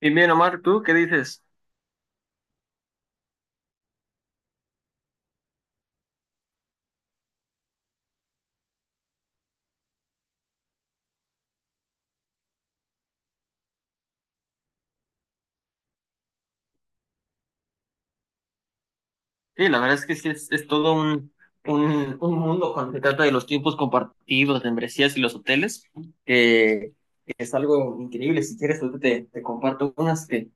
Y bien, Omar, ¿tú qué dices? Sí, la verdad es que sí, es todo un mundo cuando se trata de los tiempos compartidos, de membresías y los hoteles, que que es algo increíble. Si quieres, ahorita te comparto unas que,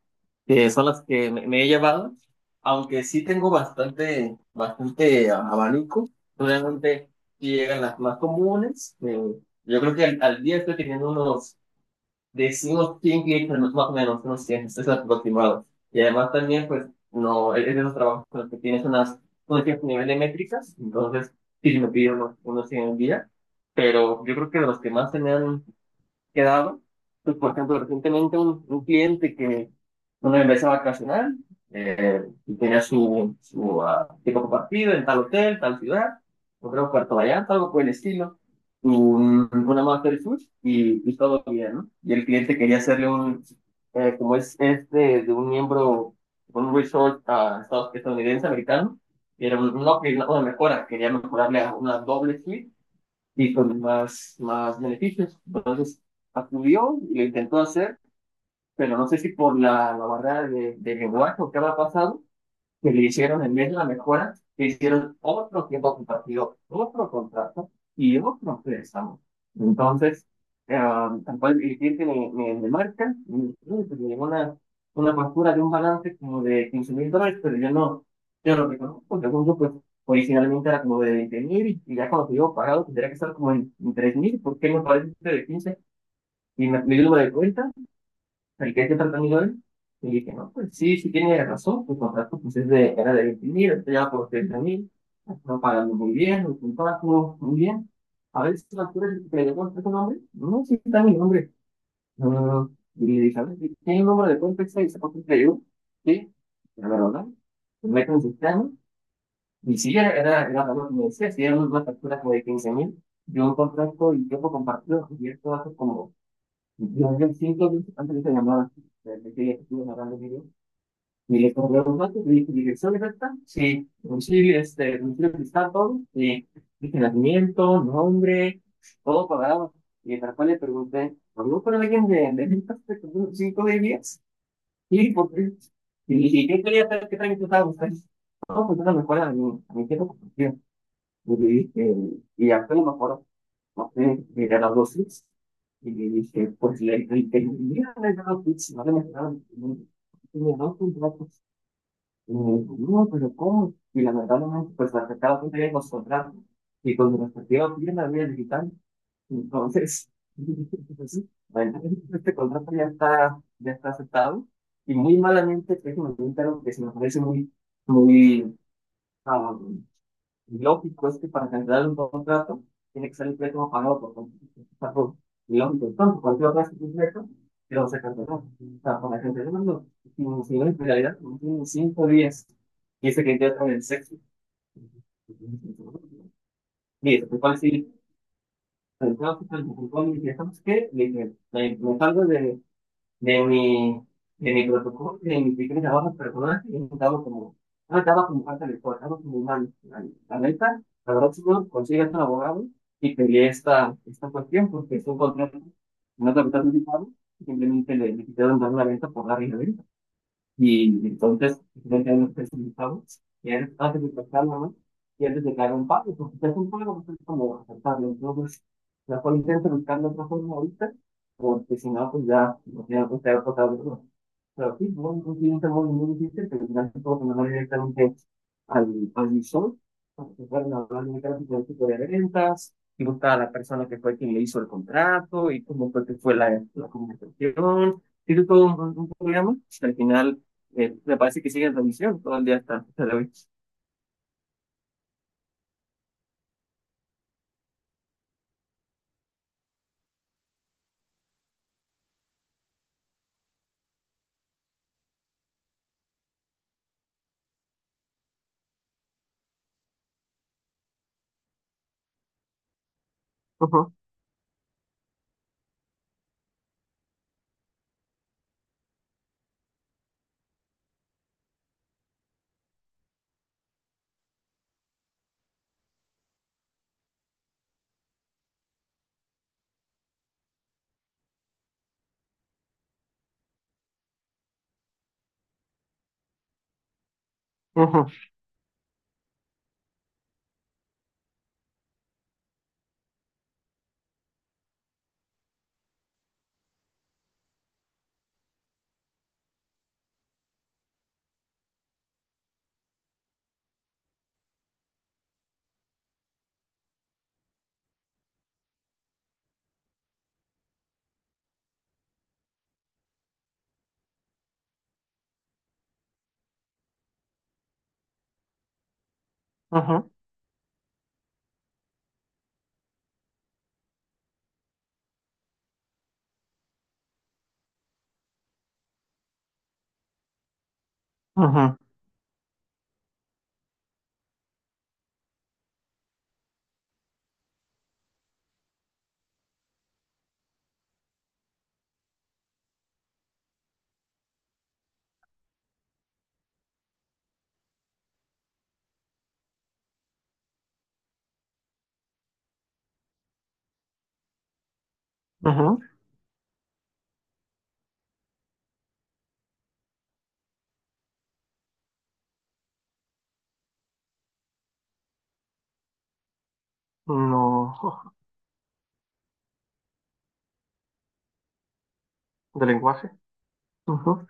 que son las que me he llevado, aunque sí tengo bastante, bastante abanico, realmente sí llegan las más comunes. Yo creo que al día estoy teniendo unos decimos quién grita más o menos, unos 100, es aproximado. Y además también, pues, no, es de esos trabajos con los que tienes unas, un cierto nivel de métricas, entonces sí, si me pido unos 100 al día, pero yo creo que de los que más tenían quedado. Pues, por ejemplo, recientemente un cliente que una empresa vacacional, y tenía su tipo compartido en tal hotel, tal ciudad, yo creo Puerto Vallarta, algo por el estilo, una master suite y todo bien, ¿no? Y el cliente quería hacerle un, como es este, de un miembro, un resort, estadounidense, americano, y era no, una mejora, quería mejorarle a una doble suite y con más, más beneficios. Entonces, acudió, y lo intentó hacer, pero no sé si por la barrera de lenguaje o qué había pasado, que le hicieron en vez de la mejora, le hicieron otro tiempo compartido, otro contrato y otro préstamo. Entonces, eh, tampoco el cliente me marca, me dice que llegó una factura de un balance como de 15,000 dólares, pero yo no, yo no reconozco, según yo, pues originalmente era como de 20,000 y ya cuando te digo pagado tendría que estar como en, 3 mil, porque me parece de 15 y me dio el número de cuenta el que este tratamiento de él, y dije, no, pues sí, sí tiene razón, tu contrato pues es de, era de 20 mil, está ya por 30,000, está pagando muy bien, los contratos, muy bien. A ver si la altura que le dio tu nombre, no, sí está mi nombre. No, no, no. Y le dije, a ver, ¿tiene el número de cuenta extra y sacó cuenta yo? Sí, pero la verdad, me meto en el sistema, y sí, era algo que me decía, si era una factura como de 15 mil, yo un contrato y tiempo compartido, y esto hace como yo hablé 5 minutos antes de esta llamada. Estuve narrando el video. Y le compré los datos, le dije dirección exacta, sí, domicilio, este, domicilio donde está todo, sí, dije nacimiento, nombre, todo pagado. Y tal cual le pregunté, ¿habló con alguien de ventas de como cinco de días? Y por qué. Y le dije, ¿qué quería saber qué trámite estaba buscando? No, pues era mejor a mi jefe, porque. Y le dije, y ya fue lo mejor. Entonces, miré las dosis y le dije, pues le dije, mira, le he no le he dado, no le contratos. Y me dijo, no, pero ¿cómo? Y la verdad, no, pues la afectaba con los contratos y con mi respectiva firma de digital. Entonces, pues, sí, bueno, este contrato ya está aceptado y muy malamente, que me un que se me parece muy, muy, ah, lógico es que para cancelar un contrato tiene que ser el préstamo pagado por contrato. Lógico, entonces cualquier otra institución, pero se canceló. O sea, para cancelar no. Sin en realidad, tiene 5 días. Y ese que ya en el sexo. Mire, te puedo decir, pero creo que el fiscal me contó y dije, ¿sabes qué? Le dije, me salgo de mi, de mi protocolo, de mi pequeño trabajo personal, y he intentado como, no estaba como falta de cosas, estaba como humano. La neta, la verdad, si no consigues un abogado y peleé esta cuestión porque es un contrato, no te lo anticipado, simplemente le quitaron dar la venta por la arriba. Y entonces ya nos presentamos, y antes de tocarlo, ¿no? Y antes de caer un pago, porque si es un pago, pues es como aceptarlo. Entonces, la cual intento buscando otra forma ahorita, porque si no, pues ya, no tiene que estar pasando. Pero sí, no, no tiene un termo muy difícil, pero casi todo se mandó directamente al visor. Empezaron a hablar directamente del tipo de ventas, buscar a la persona que fue quien le hizo el contrato y cómo fue que fue la comunicación. Tiene todo un programa. Al final, me parece que sigue en revisión todo el día hasta la vez. Ujú, ujú, ujú, ujú, ujú. No, de lenguaje. Ujú,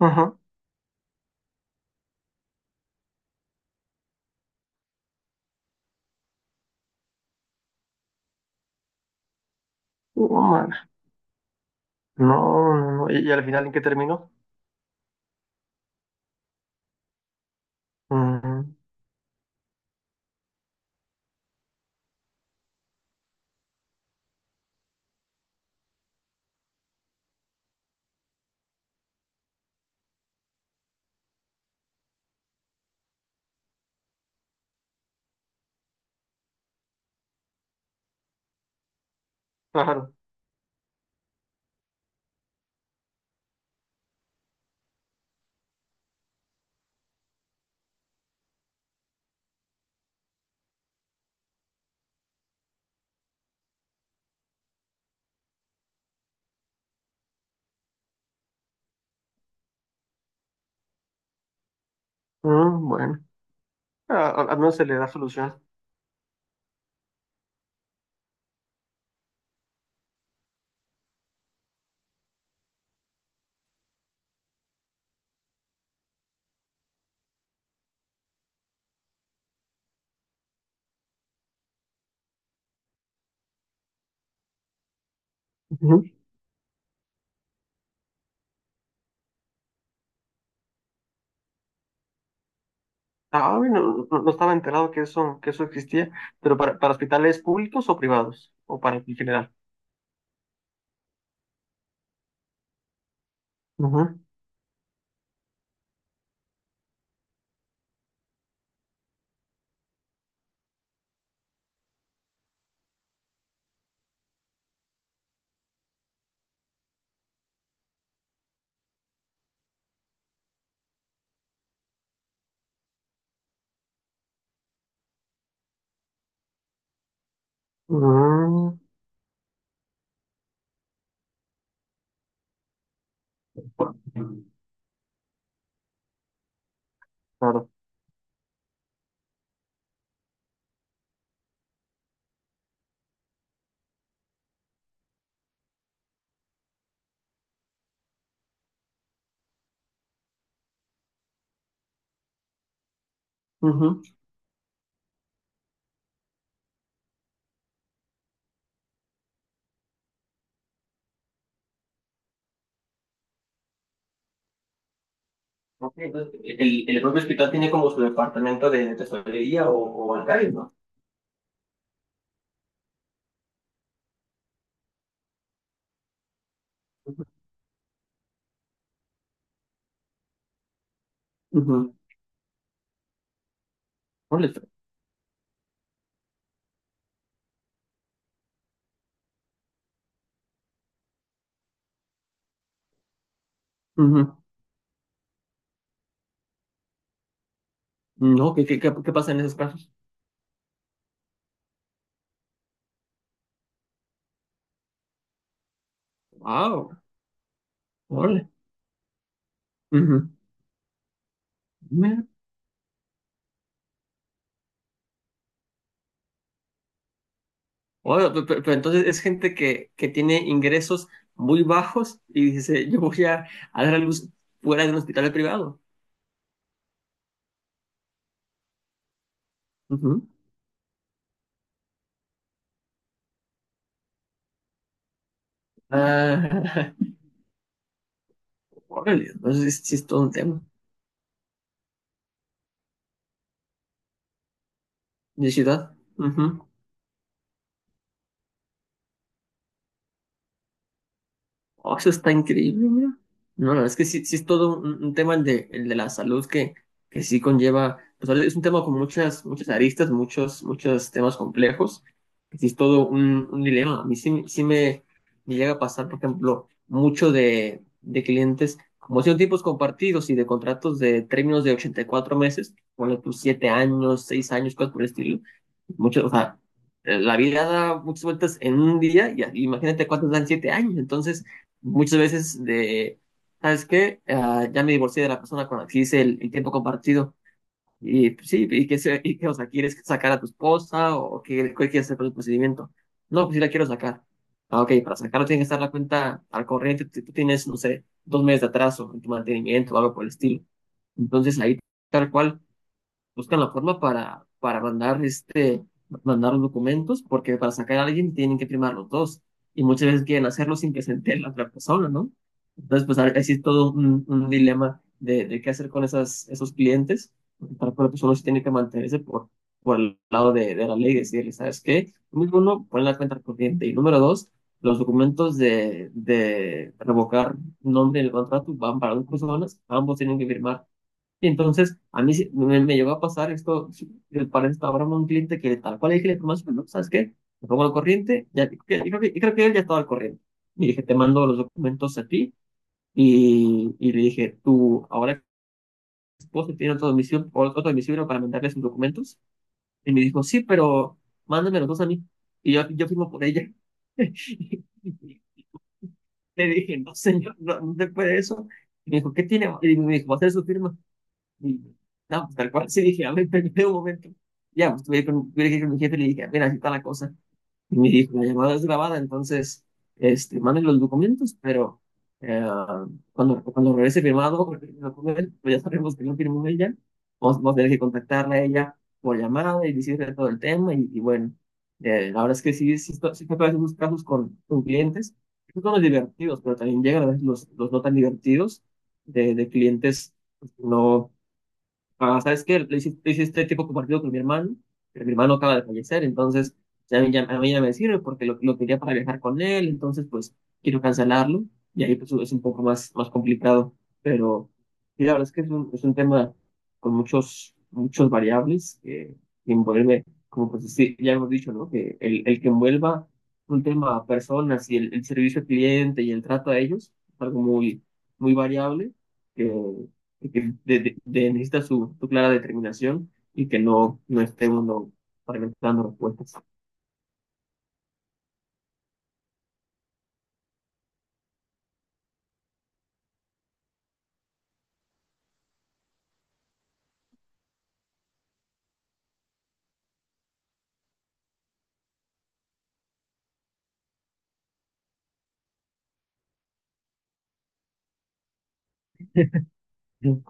ujú. Oh, man. No, no, no. ¿Y al final en qué terminó? Ujú. Claro. Ah, bueno, al menos se le da solución. Ujú. Ah, bueno, no, no estaba enterado que eso existía, pero para hospitales públicos o privados, o para en general. Ujú. Mm, claro. Ujú. Ok, entonces, el propio hospital tiene como su departamento de tesorería o bancario, ¿no? Ujú. Órale, ujú. No, qué pasa en esos casos? Wow, órale. Ujú. Bueno, pero, entonces es gente que tiene ingresos muy bajos y dice, yo voy a dar a luz fuera de un hospital privado. Ujú. Ah, órale, entonces sí es todo un tema de ciudad. Oh, eso está increíble, mira. No, la verdad es que sí, sí es todo un tema el de la salud que sí conlleva, pues ahora es un tema con muchas, muchas aristas, muchos, muchos temas complejos, que sí es todo un dilema. A mí sí, sí me llega a pasar, por ejemplo, mucho de clientes, como son tipos compartidos y de contratos de términos de 84 meses, ponle tus 7 años, 6 años, cosas por el estilo mucho, o sea, la vida da muchas vueltas en un día y imagínate cuántos dan 7 años. Entonces, muchas veces de, ¿sabes qué? Ah, ya me divorcié de la persona con la que hice el tiempo compartido. Y pues, sí, y que, y que, o sea, ¿quieres sacar a tu esposa o qué quieres hacer con el procedimiento? No, pues sí la quiero sacar. Ah, ok, para sacarlo tiene que estar la cuenta al corriente. Tú tienes, no sé, 2 meses de atraso en tu mantenimiento o algo por el estilo. Entonces, ahí tal cual buscan la forma para mandar, este, mandar los documentos, porque para sacar a alguien tienen que firmar los dos. Y muchas veces quieren hacerlo sin que se entere la otra persona, ¿no? Entonces, pues ahí sí es todo un dilema de qué hacer con esas, esos clientes, porque para cada persona sí tiene que mantenerse por el lado de la ley y decirle, ¿sabes qué? Número uno, pon la cuenta corriente. Y número dos, los documentos de revocar nombre en el contrato van para dos personas, ambos tienen que firmar. Y entonces, a mí me llegó a pasar esto, sí, para esta broma a un cliente que tal cual le dije la información, ¿no? ¿Sabes qué? Me pongo al corriente, ya, yo creo que él ya estaba al corriente. Y dije, te mando los documentos a ti. Y le dije, tu ahora esposo tiene otro domicilio, otro domicilio para mandarle sus documentos. Y me dijo, sí, pero mándame los dos a mí. Y yo firmo por ella. Le dije, no, señor, no, no se puede eso. Y me dijo, ¿qué tiene? Y me dijo, va a hacer su firma. Y, no, pues, tal cual, sí dije, a ver, permíteme un momento. Ya, pues tuve que ir con mi jefe y le dije, mira, así está la cosa. Y me dijo, la llamada es grabada, entonces, este, manden los documentos, pero eh, cuando regrese firmado el documento, pues ya sabemos que no firmó ella, vamos a tener que contactarla a ella por llamada y decirle todo el tema. Y bueno, la verdad es que sí, sí, que a esos casos con clientes, que son los divertidos, pero también llegan a veces los no tan divertidos de clientes, pues, que no. Ah, ¿sabes qué? Lo hice este tiempo compartido con mi hermano, pero mi hermano acaba de fallecer, entonces ya, a mí ya me sirve porque lo quería para viajar con él, entonces pues quiero cancelarlo y ahí pues es un poco más, más complicado, pero sí, la verdad es que es un tema con muchos, muchos variables que envuelve, como pues sí, ya hemos dicho, ¿no? Que el que envuelva un tema a personas y el servicio al cliente y el trato a ellos es algo muy, muy variable y que necesita su clara determinación y que no, no esté uno fragmentando respuestas.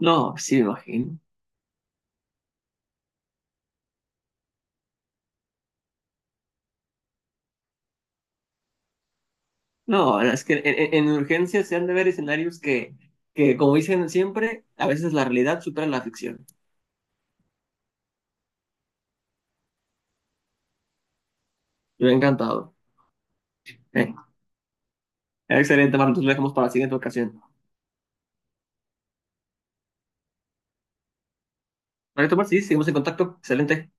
No, sí me imagino. No, es que en urgencias se han de ver escenarios que, como dicen siempre, a veces la realidad supera la ficción. Yo he encantado. Eh, Excelente, Marta, entonces lo dejamos para la siguiente ocasión. Perfecto, Marta, sí, seguimos en contacto. Excelente.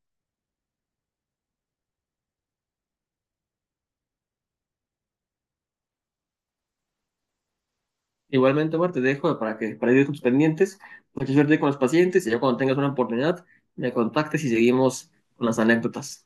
Igualmente, Marta, te dejo para ir con tus pendientes. Mucha suerte con los pacientes y ya cuando tengas una oportunidad, me contactes y seguimos con las anécdotas.